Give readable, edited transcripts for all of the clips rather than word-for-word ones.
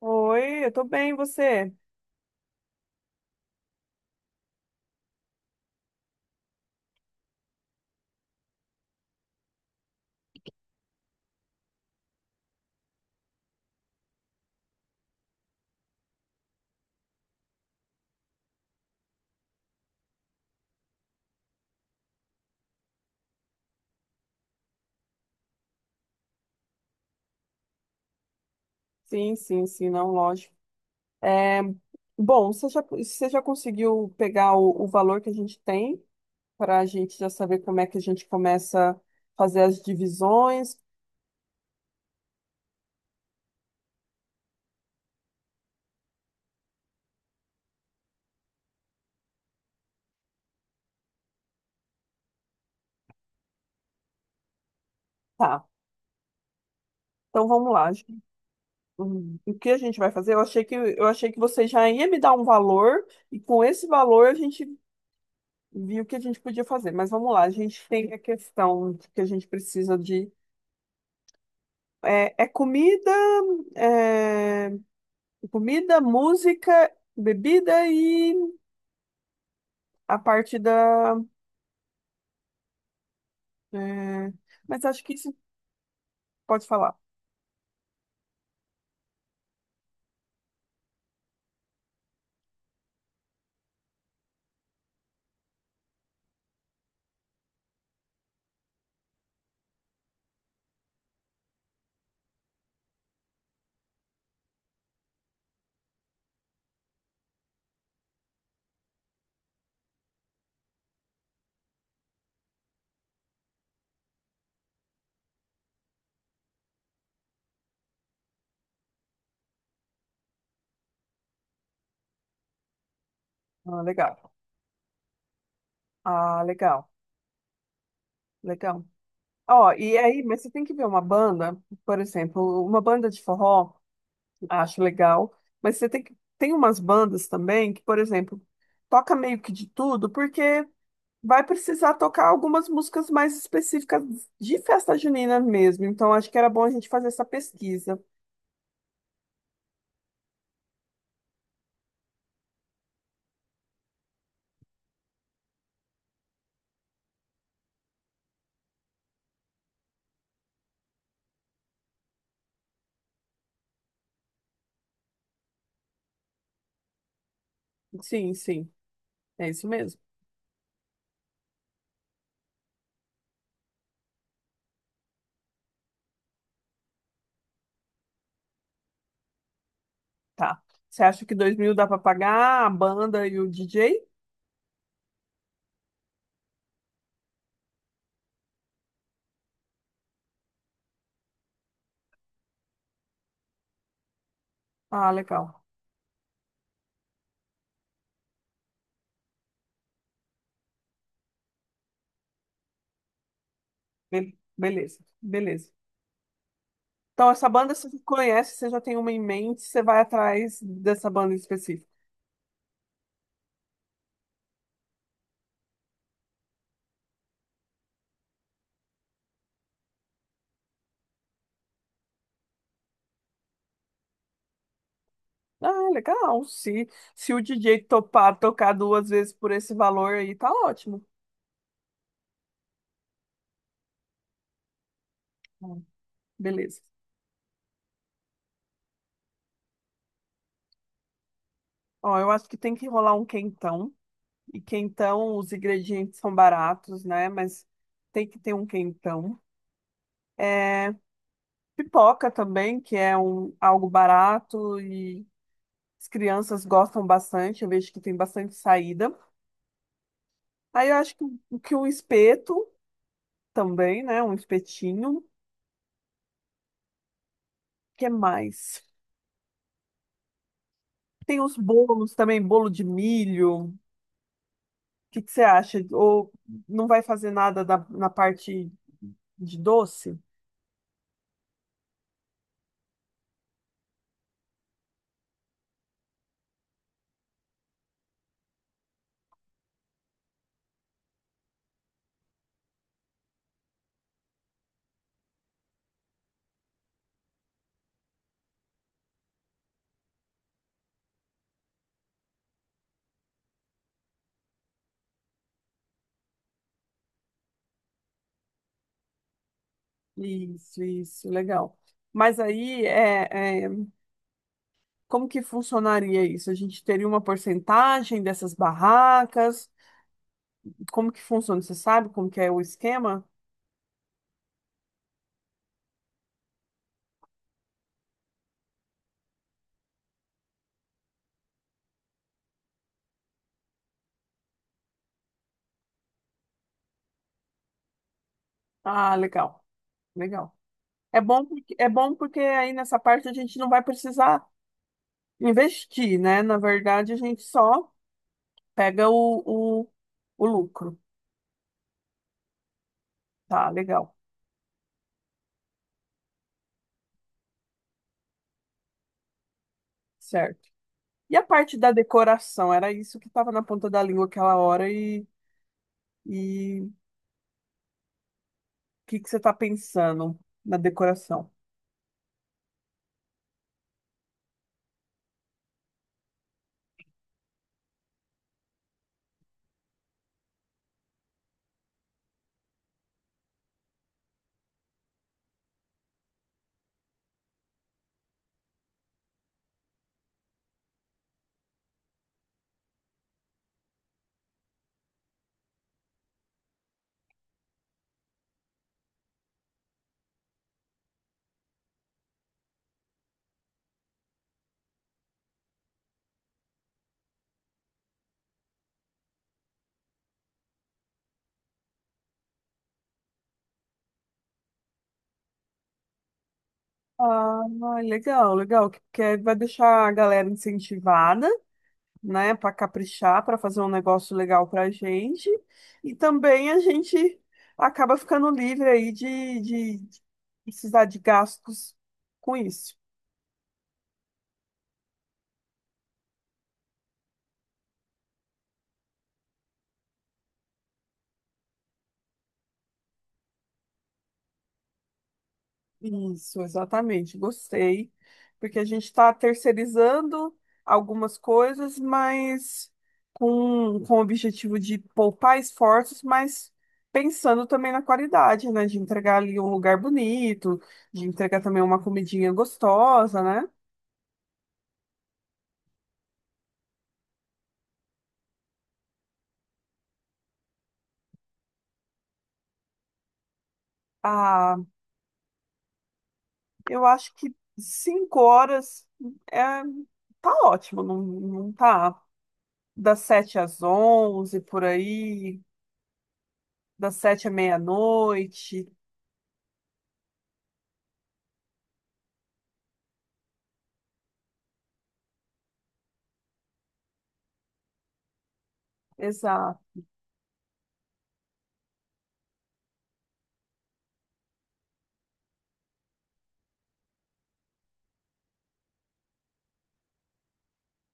Oi, eu tô bem, e você? Sim, sim, sim, não, lógico. É, bom, você já conseguiu pegar o valor que a gente tem para a gente já saber como é que a gente começa a fazer as divisões? Tá, então vamos lá. O que a gente vai fazer? Eu achei que você já ia me dar um valor e com esse valor a gente viu o que a gente podia fazer. Mas vamos lá, a gente tem a questão de que a gente precisa de é comida, é, comida, música, bebida e a parte da. é, Mas acho que isso pode falar. Ah, legal. Ah, legal. Legal. Ó, e aí, mas você tem que ver uma banda, por exemplo, uma banda de forró, acho legal, mas você tem que. Tem umas bandas também que, por exemplo, toca meio que de tudo, porque vai precisar tocar algumas músicas mais específicas de festa junina mesmo. Então, acho que era bom a gente fazer essa pesquisa. Sim, sim. É isso mesmo. Tá. Você acha que 2.000 dá para pagar a banda e o DJ? Ah, legal. Beleza, beleza. Então, essa banda você conhece, você já tem uma em mente, você vai atrás dessa banda em específico. Ah, legal. Se o DJ topar tocar duas vezes por esse valor aí, tá ótimo. Hum, Beleza. Ó, eu acho que tem que rolar um quentão. E quentão, os ingredientes são baratos, né? Mas tem que ter um quentão. É, Pipoca também, que é um, algo barato e as crianças gostam bastante, eu vejo que tem bastante saída. Aí eu acho que, um espeto também, né? Um espetinho. O que é mais? Tem os bolos também, bolo de milho. O que que você acha? Ou não vai fazer nada na parte de doce? Isso, legal. Mas aí como que funcionaria isso? A gente teria uma porcentagem dessas barracas? Como que funciona? Você sabe como que é o esquema? Ah, legal, legal. É bom porque aí nessa parte a gente não vai precisar investir, né? Na verdade, a gente só pega o lucro. Tá, legal, certo. E a parte da decoração? Era isso que estava na ponta da língua aquela hora e o que que você está pensando na decoração? Ah, legal, legal, que vai deixar a galera incentivada, né, para caprichar, para fazer um negócio legal para a gente. E também a gente acaba ficando livre aí de precisar de gastos com isso. Isso, exatamente. Gostei, porque a gente está terceirizando algumas coisas, mas com o objetivo de poupar esforços, mas pensando também na qualidade, né? De entregar ali um lugar bonito, de entregar também uma comidinha gostosa, né? Ah, eu acho que 5 horas é, tá ótimo, não, não tá? Das 7 às 11, por aí, das 7 à meia-noite. Exato.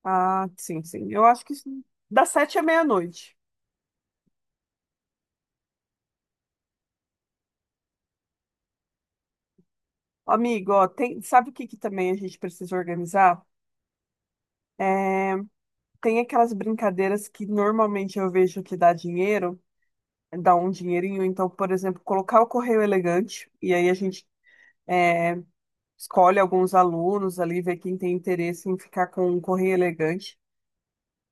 Ah, sim, sim. Eu acho que sim. Das 7 à meia-noite. Amigo, ó, tem, sabe o que que também a gente precisa organizar? Tem aquelas brincadeiras que normalmente eu vejo que dá dinheiro, dá um dinheirinho. Então, por exemplo, colocar o correio elegante, e aí a gente. eh, Escolhe alguns alunos ali, vê quem tem interesse em ficar com um correio elegante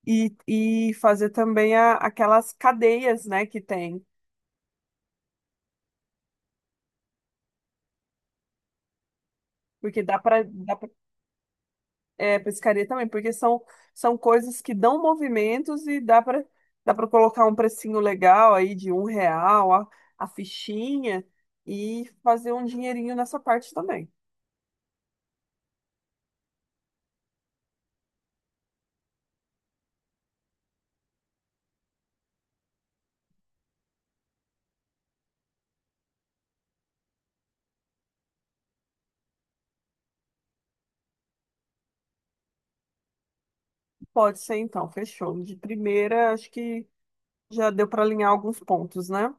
e fazer também aquelas cadeias, né, que tem, porque dá para dá pra, pescaria também, porque são coisas que dão movimentos e dá para colocar um precinho legal aí de 1 real a fichinha e fazer um dinheirinho nessa parte também. Pode ser então, fechou. De primeira, acho que já deu para alinhar alguns pontos, né?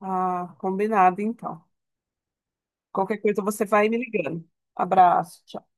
Ah, combinado então. Qualquer coisa você vai me ligando. Abraço. Tchau.